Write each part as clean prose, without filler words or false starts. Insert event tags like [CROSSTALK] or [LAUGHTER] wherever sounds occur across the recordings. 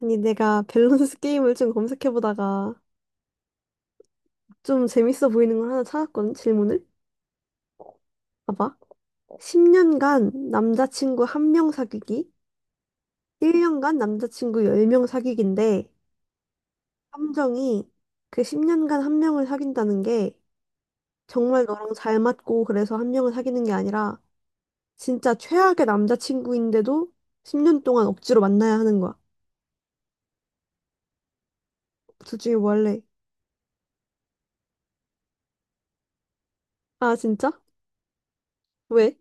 아니, 내가 밸런스 게임을 좀 검색해보다가 좀 재밌어 보이는 걸 하나 찾았거든, 질문을. 봐봐. 10년간 남자친구 한 명 사귀기, 1년간 남자친구 10명 사귀기인데, 함정이 그 10년간 한 명을 사귄다는 게 정말 너랑 잘 맞고 그래서 한 명을 사귀는 게 아니라 진짜 최악의 남자친구인데도 10년 동안 억지로 만나야 하는 거야. 둘 중에 뭐 할래? 아, 진짜? 왜?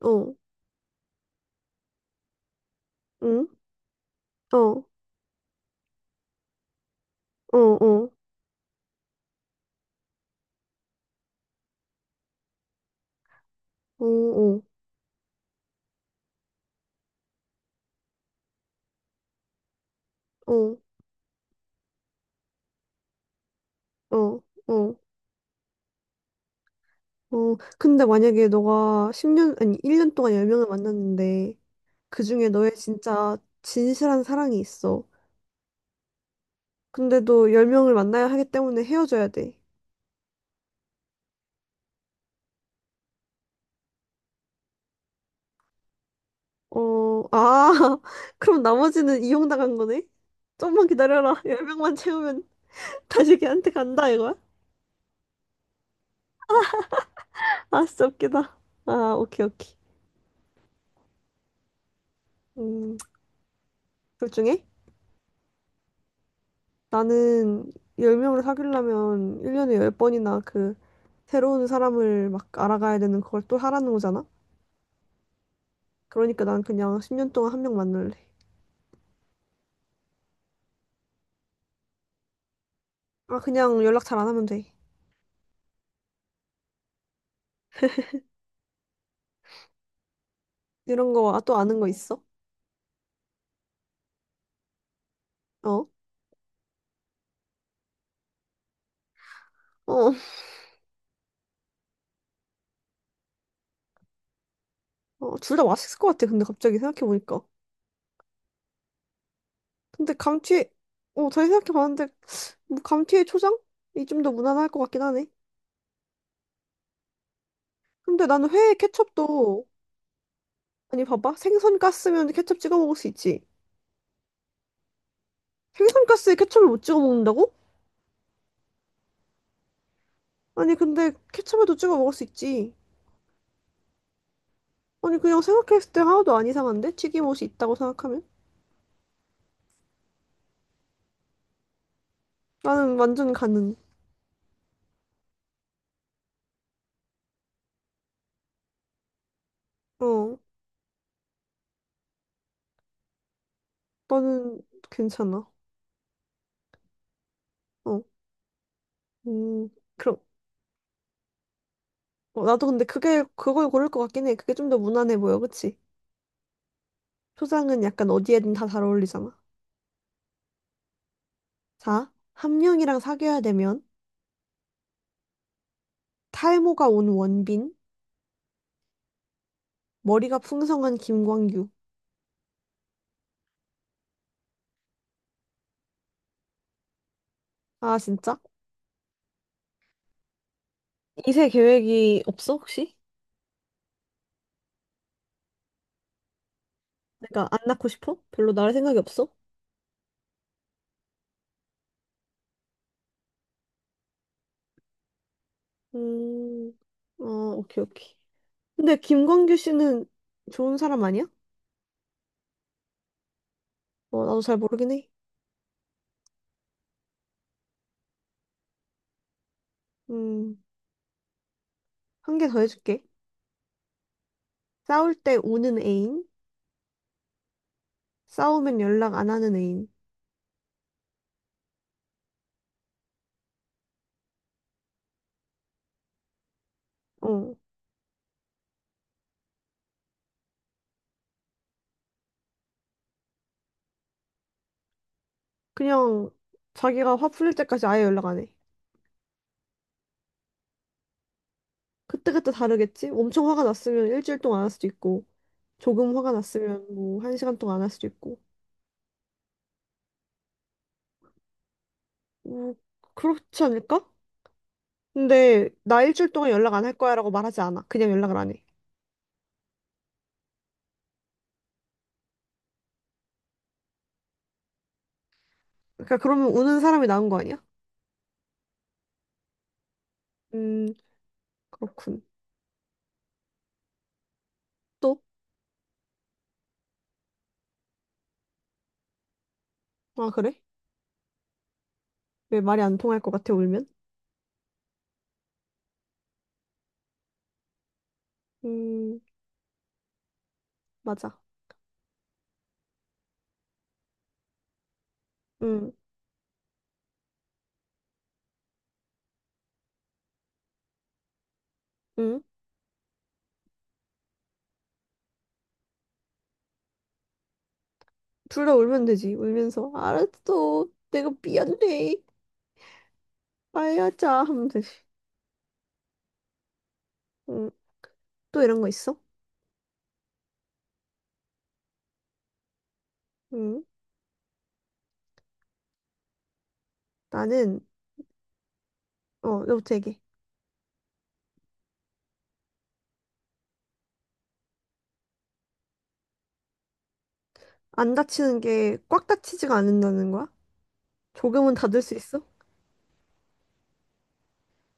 어, 응? 어, 어, 어, 어, 어. 어. 어, 어, 어. 근데 만약에 너가 10년, 아니, 1년 동안 10명을 만났는데, 그중에 너의 진짜 진실한 사랑이 있어. 근데도 10명을 만나야 하기 때문에 헤어져야 돼. 어, 아, [LAUGHS] 그럼 나머지는 이용당한 거네? 좀만 기다려라. 10명만 채우면 [LAUGHS] 다시 걔한테 간다, 이거야? 아, 진짜 웃기다. 아, 오케이, 오케이. 음, 둘 중에? 나는 10명을 사귀려면 1년에 10번이나 그 새로운 사람을 막 알아가야 되는 그걸 또 하라는 거잖아? 그러니까 난 그냥 10년 동안 한 명 만날래. 아, 그냥 연락 잘 안 하면 돼. 이런 거, 아, 또 아는 거 있어? 어? 어, 어, 둘 다 맛있을 것 같아. 근데 갑자기 생각해보니까. 근데 감튀, 어, 다시 생각해봤는데, 뭐 감튀에 초장? 이 좀 더 무난할 것 같긴 하네. 근데 나는 회에 케첩도, 아니, 봐봐. 생선 가스면 케첩 찍어 먹을 수 있지. 생선 가스에 케첩을 못 찍어 먹는다고? 아니 근데 케첩에도 찍어 먹을 수 있지. 아니 그냥 생각했을 때 하나도 안 이상한데? 튀김옷이 있다고 생각하면? 나는 완전 가능. 어, 나는 괜찮아. 어, 음, 그럼 어, 나도 근데 그게 그걸 고를 것 같긴 해. 그게 좀 더 무난해 보여, 그치? 초장은 약간 어디에든 다 잘 어울리잖아. 자, 함령이랑 사귀어야 되면 탈모가 온 원빈, 머리가 풍성한 김광규. 아 진짜? 이세 계획이 없어 혹시? 내가 안 낳고 싶어? 별로 낳을 생각이 없어? 음, 어, 오케이, 오케이. 근데 김광규 씨는 좋은 사람 아니야? 어, 나도 잘 모르긴 해. 음, 한 개 더 해줄게. 싸울 때 우는 애인, 싸우면 연락 안 하는 애인. 어, 그냥 자기가 화 풀릴 때까지 아예 연락 안 해. 그때그때 다르겠지? 엄청 화가 났으면 일주일 동안 안 할 수도 있고, 조금 화가 났으면 뭐 한 시간 동안 안 할 수도 있고. 뭐, 그렇지 않을까? 근데 나 일주일 동안 연락 안 할 거야라고 말하지 않아. 그냥 연락을 안 해. 그러니까 그러면 우는 사람이 나은 거 아니야? 음, 그렇군. 또? 아, 그래? 왜 말이 안 통할 것 같아, 울면? 음, 맞아. 음, 음. 둘 다 울면 되지, 울면서. 알았어. 내가 미안해. 아야자. 하면 되지. 음, 또 이런 거 있어? 음, 나는, 어, 너부터 얘기해. 안 다치는 게 꽉 다치지가 않는다는 거야? 조금은 닫을 수 있어?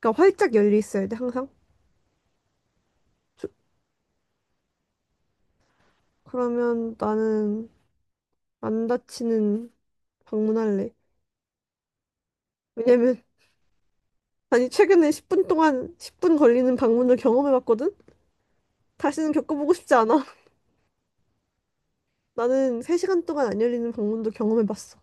그러니까 활짝 열려 있어야 돼, 항상. 조- 그러면 나는 안 다치는 방문할래. 왜냐면 아니, 최근에 10분 동안, 10분 걸리는 방문을 경험해봤거든? 다시는 겪어보고 싶지 않아. [LAUGHS] 나는 3시간 동안 안 열리는 방문도 경험해봤어.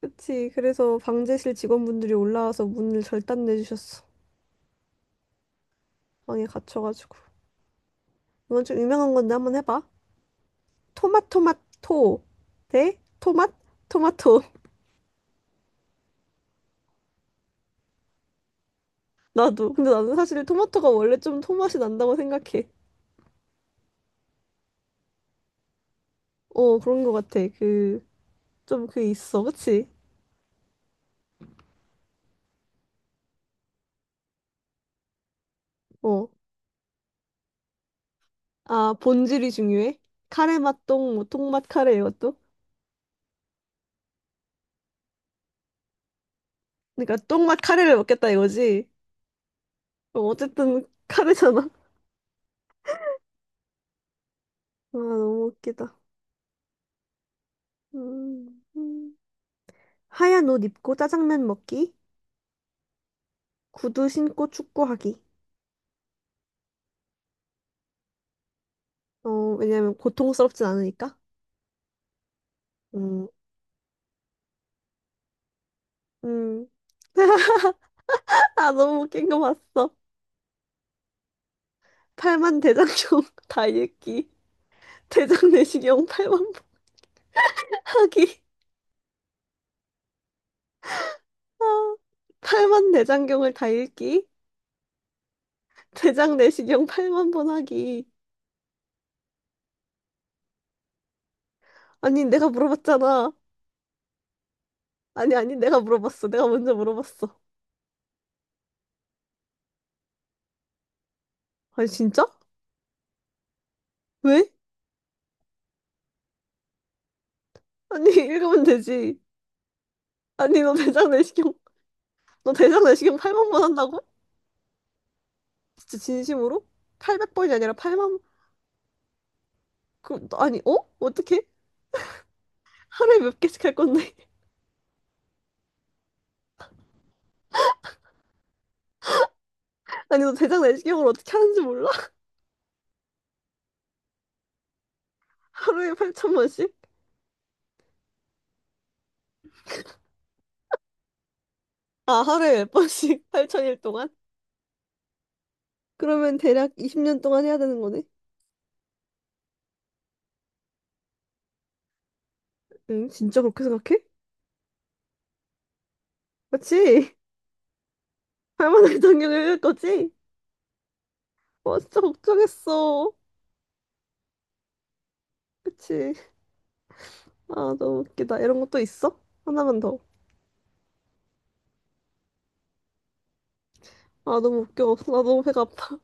그치. 그래서 방제실 직원분들이 올라와서 문을 절단내주셨어. 방에 갇혀가지고. 이건 좀 유명한 건데 한번 해봐. 토마토마토 대 토맛 토마토. [LAUGHS] 나도. 근데 나는 사실 토마토가 원래 좀 토맛이 난다고 생각해. 어, 그런 것 같아. 그, 좀 그게 있어. 그치? 어. 아, 본질이 중요해? 카레 맛 똥, 뭐, 똥맛 카레 이것도? 그러니까 똥맛 카레를 먹겠다 이거지? 어, 어쨌든 카레잖아. [LAUGHS] 아, 너무 웃기다. 음, 음. 하얀 옷 입고 짜장면 먹기, 구두 신고 축구하기. 어, 왜냐면 고통스럽진 않으니까. 음, 음. [LAUGHS] 아, 너무 웃긴 거 봤어. 팔만 대장경 [LAUGHS] 다 읽기, 대장 내시경 8만 [LAUGHS] 하기. 아, 팔만 대장경을 다 읽기. 대장 내시경 8만 번 하기. 아니, 내가 물어봤잖아. 아니, 아니, 내가 물어봤어. 내가 먼저 물어봤어. 아니, 진짜? 왜? 아니, [LAUGHS] 읽으면 되지. 아니, 너 대장 내시경 8만 번 한다고? 진짜 진심으로? 800번이 아니라 8만, 그, 럼 아니, 어? 어떻게? 하루에 몇 개씩 할 건데? [LAUGHS] 아니, 너 대장 내시경을 어떻게 하는지 몰라? [LAUGHS] 하루에 8천 번씩? 아, 하루에 몇 번씩? [LAUGHS] 8천일 동안? 그러면 대략 20년 동안 해야 되는 거네? 응, 진짜 그렇게 생각해? 맞지? 할머니 장경을 읽을 거지? 와, 진짜 걱정했어. 그치? 아, 너무 웃기다. 이런 것도 있어? 하나만 더. 아, 너무 웃겨. 나 너무 배가 아파.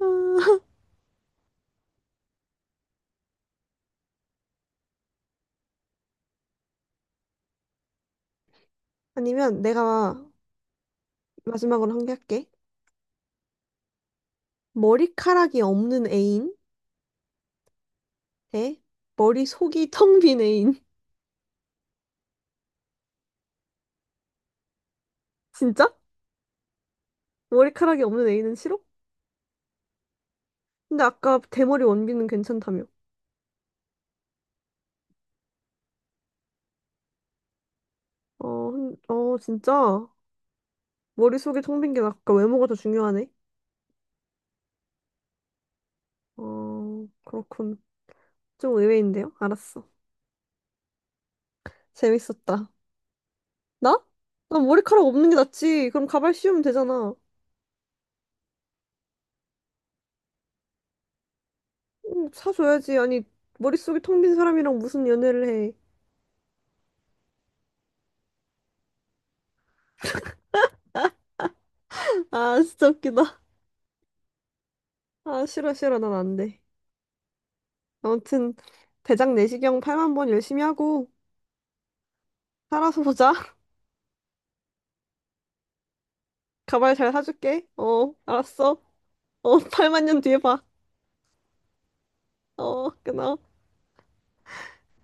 아. 아니면 내가 마지막으로 한 개 할게. 머리카락이 없는 애인 대 머리속이 텅빈 애인. [LAUGHS] 진짜? 머리카락이 없는 애인은 싫어? 근데 아까 대머리 원빈은 괜찮다며. 어, 어, 진짜? 머리속이 텅빈 게 아까 외모가 더 중요하네. 어, 그렇군. 좀 의외인데요? 알았어. 재밌었다. 나? 나 머리카락 없는 게 낫지. 그럼 가발 씌우면 되잖아. 응, 사줘야지. 아니, 머릿속이 텅 빈 사람이랑 무슨 연애를 해. 아, 진짜 웃기다. 아, 싫어, 싫어. 난 안 돼. 아무튼, 대장 내시경 8만 번 열심히 하고, 살아서 보자. [LAUGHS] 가발 잘 사줄게. 어, 알았어. 어, 8만 년 뒤에 봐. 어, 끊어.